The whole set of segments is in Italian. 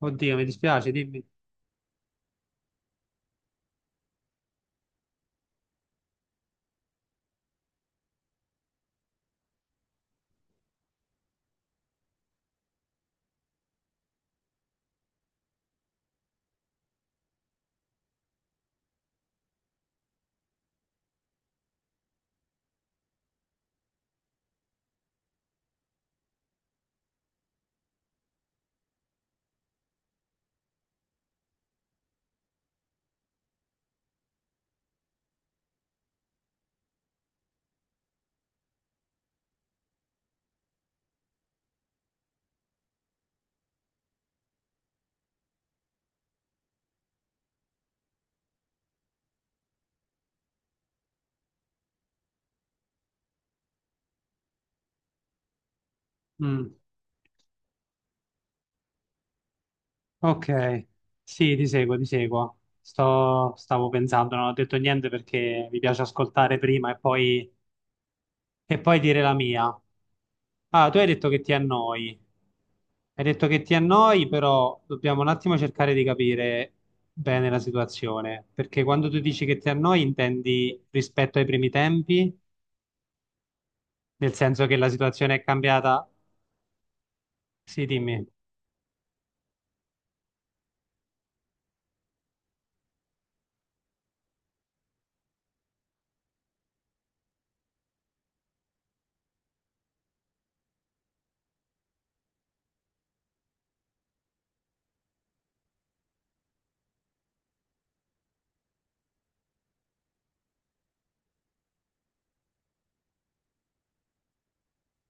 Oddio, mi dispiace, dimmi. Mm, ok, sì, ti seguo, ti seguo. Stavo pensando, non ho detto niente perché mi piace ascoltare prima e e poi dire la mia. Ah, tu hai detto che ti annoi. Hai detto che ti annoi, però dobbiamo un attimo cercare di capire bene la situazione. Perché quando tu dici che ti annoi, intendi rispetto ai primi tempi, nel senso che la situazione è cambiata. Sì, dimmi.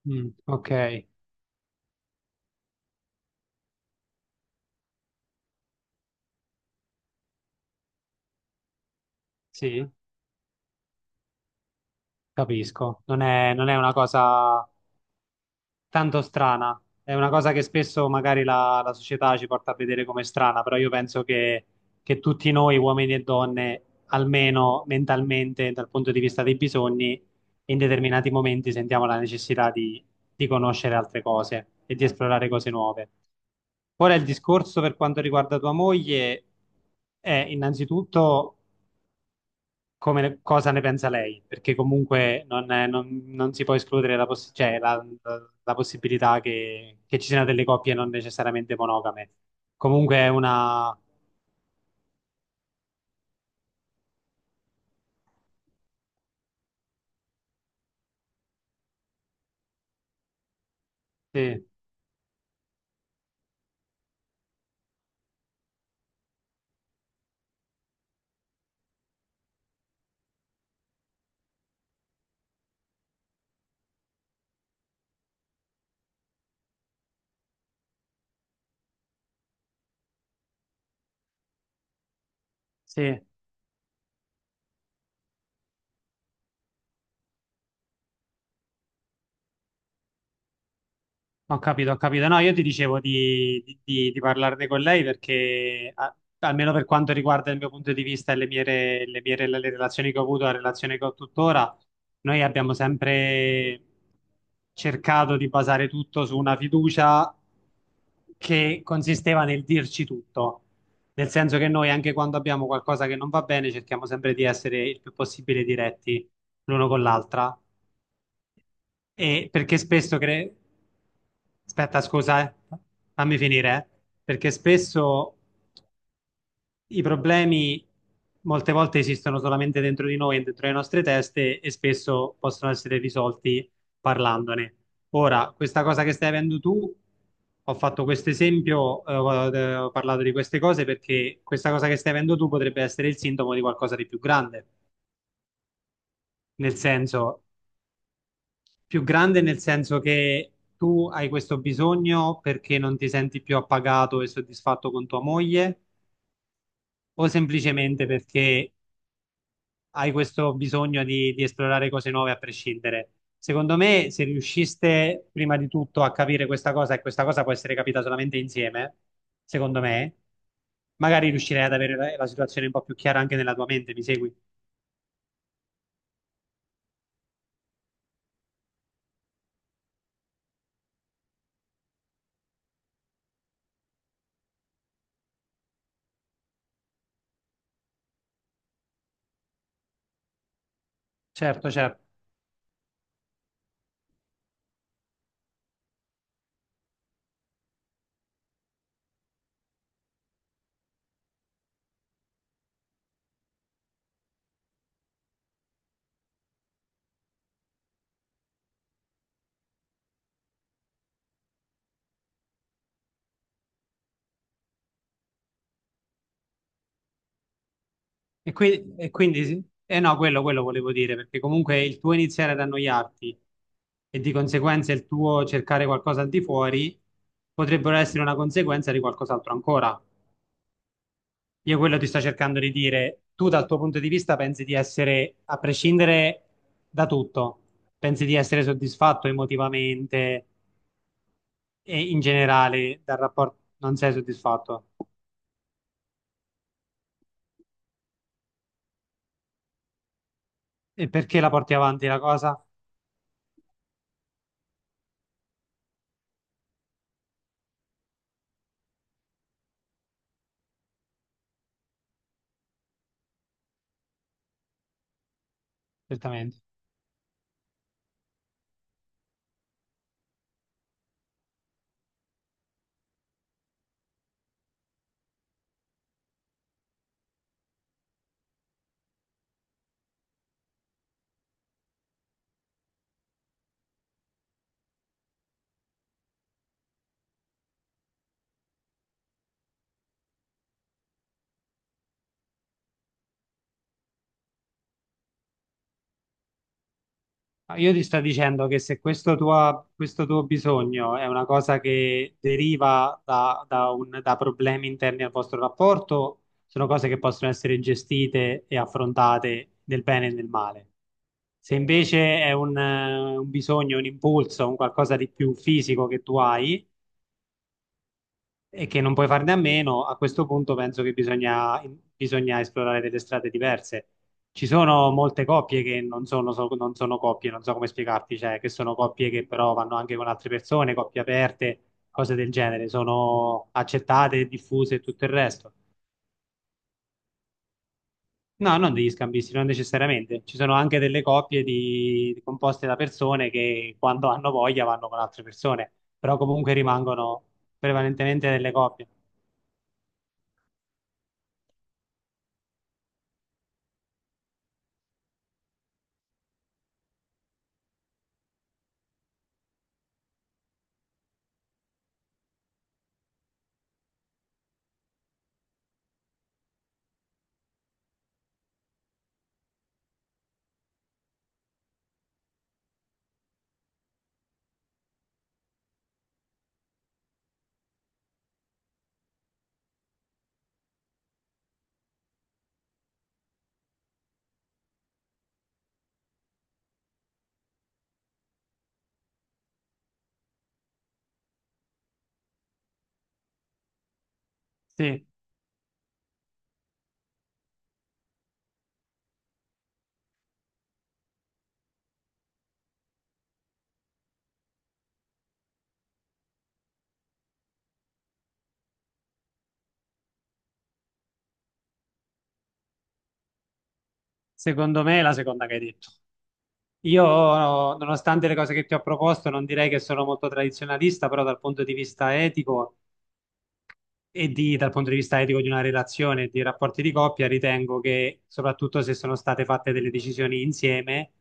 Mm, ok, sì, capisco. Non è una cosa tanto strana. È una cosa che spesso magari la società ci porta a vedere come strana, però io che tutti noi, uomini e donne, almeno mentalmente, dal punto di vista dei bisogni, in determinati momenti sentiamo la necessità di conoscere altre cose e di esplorare cose nuove. Ora il discorso per quanto riguarda tua moglie è innanzitutto cosa ne pensa lei, perché comunque non, è- non- non si può escludere la, poss- cioè, la- la- la possibilità che ci siano delle coppie non necessariamente monogame. Comunque è una... Sì, sì. Ho capito, ho capito. No, io ti dicevo di parlarne con lei perché, a- almeno per quanto riguarda il mio punto di vista e le relazioni che ho avuto, la relazione che ho tuttora, noi abbiamo sempre cercato di basare tutto su una fiducia che consisteva nel dirci tutto. Nel senso che noi, anche quando abbiamo qualcosa che non va bene, cerchiamo sempre di essere il più possibile diretti l'uno con l'altra. E aspetta, scusa, fammi finire, perché spesso i problemi molte volte esistono solamente dentro di noi, dentro le nostre teste e spesso possono essere risolti parlandone. Ora, questa cosa che stai avendo tu, ho fatto questo esempio, ho parlato di queste cose perché questa cosa che stai avendo tu potrebbe essere il sintomo di qualcosa di più grande. Nel senso, più grande nel senso che tu hai questo bisogno perché non ti senti più appagato e soddisfatto con tua moglie o semplicemente perché hai questo bisogno di esplorare cose nuove a prescindere? Secondo me, se riusciste prima di tutto a capire questa cosa e questa cosa può essere capita solamente insieme, secondo me, magari riuscirei ad avere la situazione un po' più chiara anche nella tua mente, mi segui? Certo, certo. E, qui- e quindi, sì- eh no, Quello volevo dire, perché comunque il tuo iniziare ad annoiarti e di conseguenza il tuo cercare qualcosa al di fuori potrebbero essere una conseguenza di qualcos'altro ancora. Io quello ti sto cercando di dire, tu dal tuo punto di vista pensi di essere, a prescindere da tutto, pensi di essere soddisfatto emotivamente e in generale dal rapporto non sei soddisfatto. E perché la porti avanti la cosa? Certamente. Ma io ti sto dicendo che se questo tuo bisogno è una cosa che deriva da problemi interni al vostro rapporto, sono cose che possono essere gestite e affrontate nel bene e nel male. Se invece è un bisogno, un impulso, un qualcosa di più fisico che tu hai, e che non puoi farne a meno, a questo punto penso che bisogna esplorare delle strade diverse. Ci sono molte coppie che non sono coppie, non so come spiegarti, cioè che sono coppie che però vanno anche con altre persone, coppie aperte, cose del genere, sono accettate, diffuse e tutto il resto. No, non degli scambisti, non necessariamente. Ci sono anche delle composte da persone che quando hanno voglia vanno con altre persone, però comunque rimangono prevalentemente delle coppie. Sì. Secondo me è la seconda che hai detto. Io, nonostante le cose che ti ho proposto, non direi che sono molto tradizionalista, però dal punto di vista etico dal punto di vista etico di una relazione e di rapporti di coppia, ritengo che soprattutto se sono state fatte delle decisioni insieme,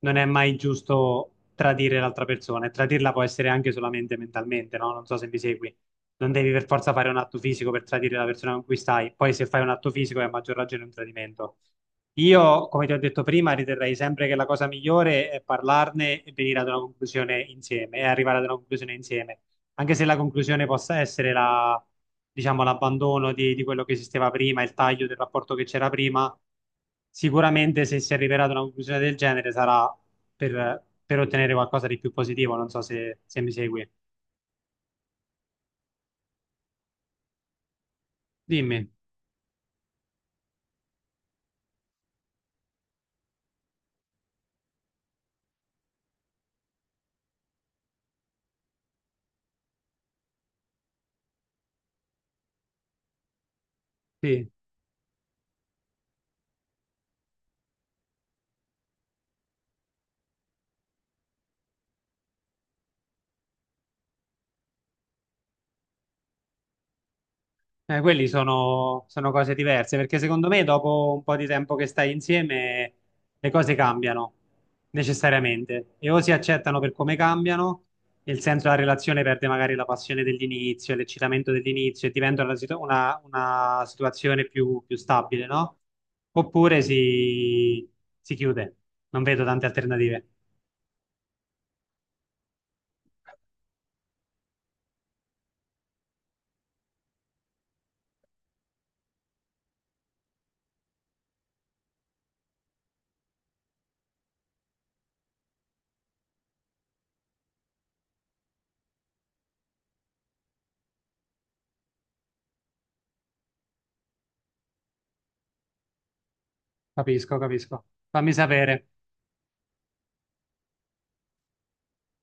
non è mai giusto tradire l'altra persona e tradirla può essere anche solamente mentalmente, no? Non so se mi segui. Non devi per forza fare un atto fisico per tradire la persona con cui stai, poi se fai un atto fisico è a maggior ragione un tradimento. Io, come ti ho detto prima, riterrei sempre che la cosa migliore è parlarne e venire ad una conclusione insieme e arrivare ad una conclusione insieme anche se la conclusione possa essere diciamo, l'abbandono di quello che esisteva prima, il taglio del rapporto che c'era prima, sicuramente se si arriverà ad una conclusione del genere sarà per ottenere qualcosa di più positivo, non so se mi segui. Dimmi, sì. Quelli sono cose diverse, perché secondo me dopo un po' di tempo che stai insieme le cose cambiano necessariamente e o si accettano per come cambiano, nel senso la relazione perde magari la passione dell'inizio, l'eccitamento dell'inizio e diventa una situazione più stabile, no? Oppure si, si chiude. Non vedo tante alternative. Capisco, capisco. Fammi sapere.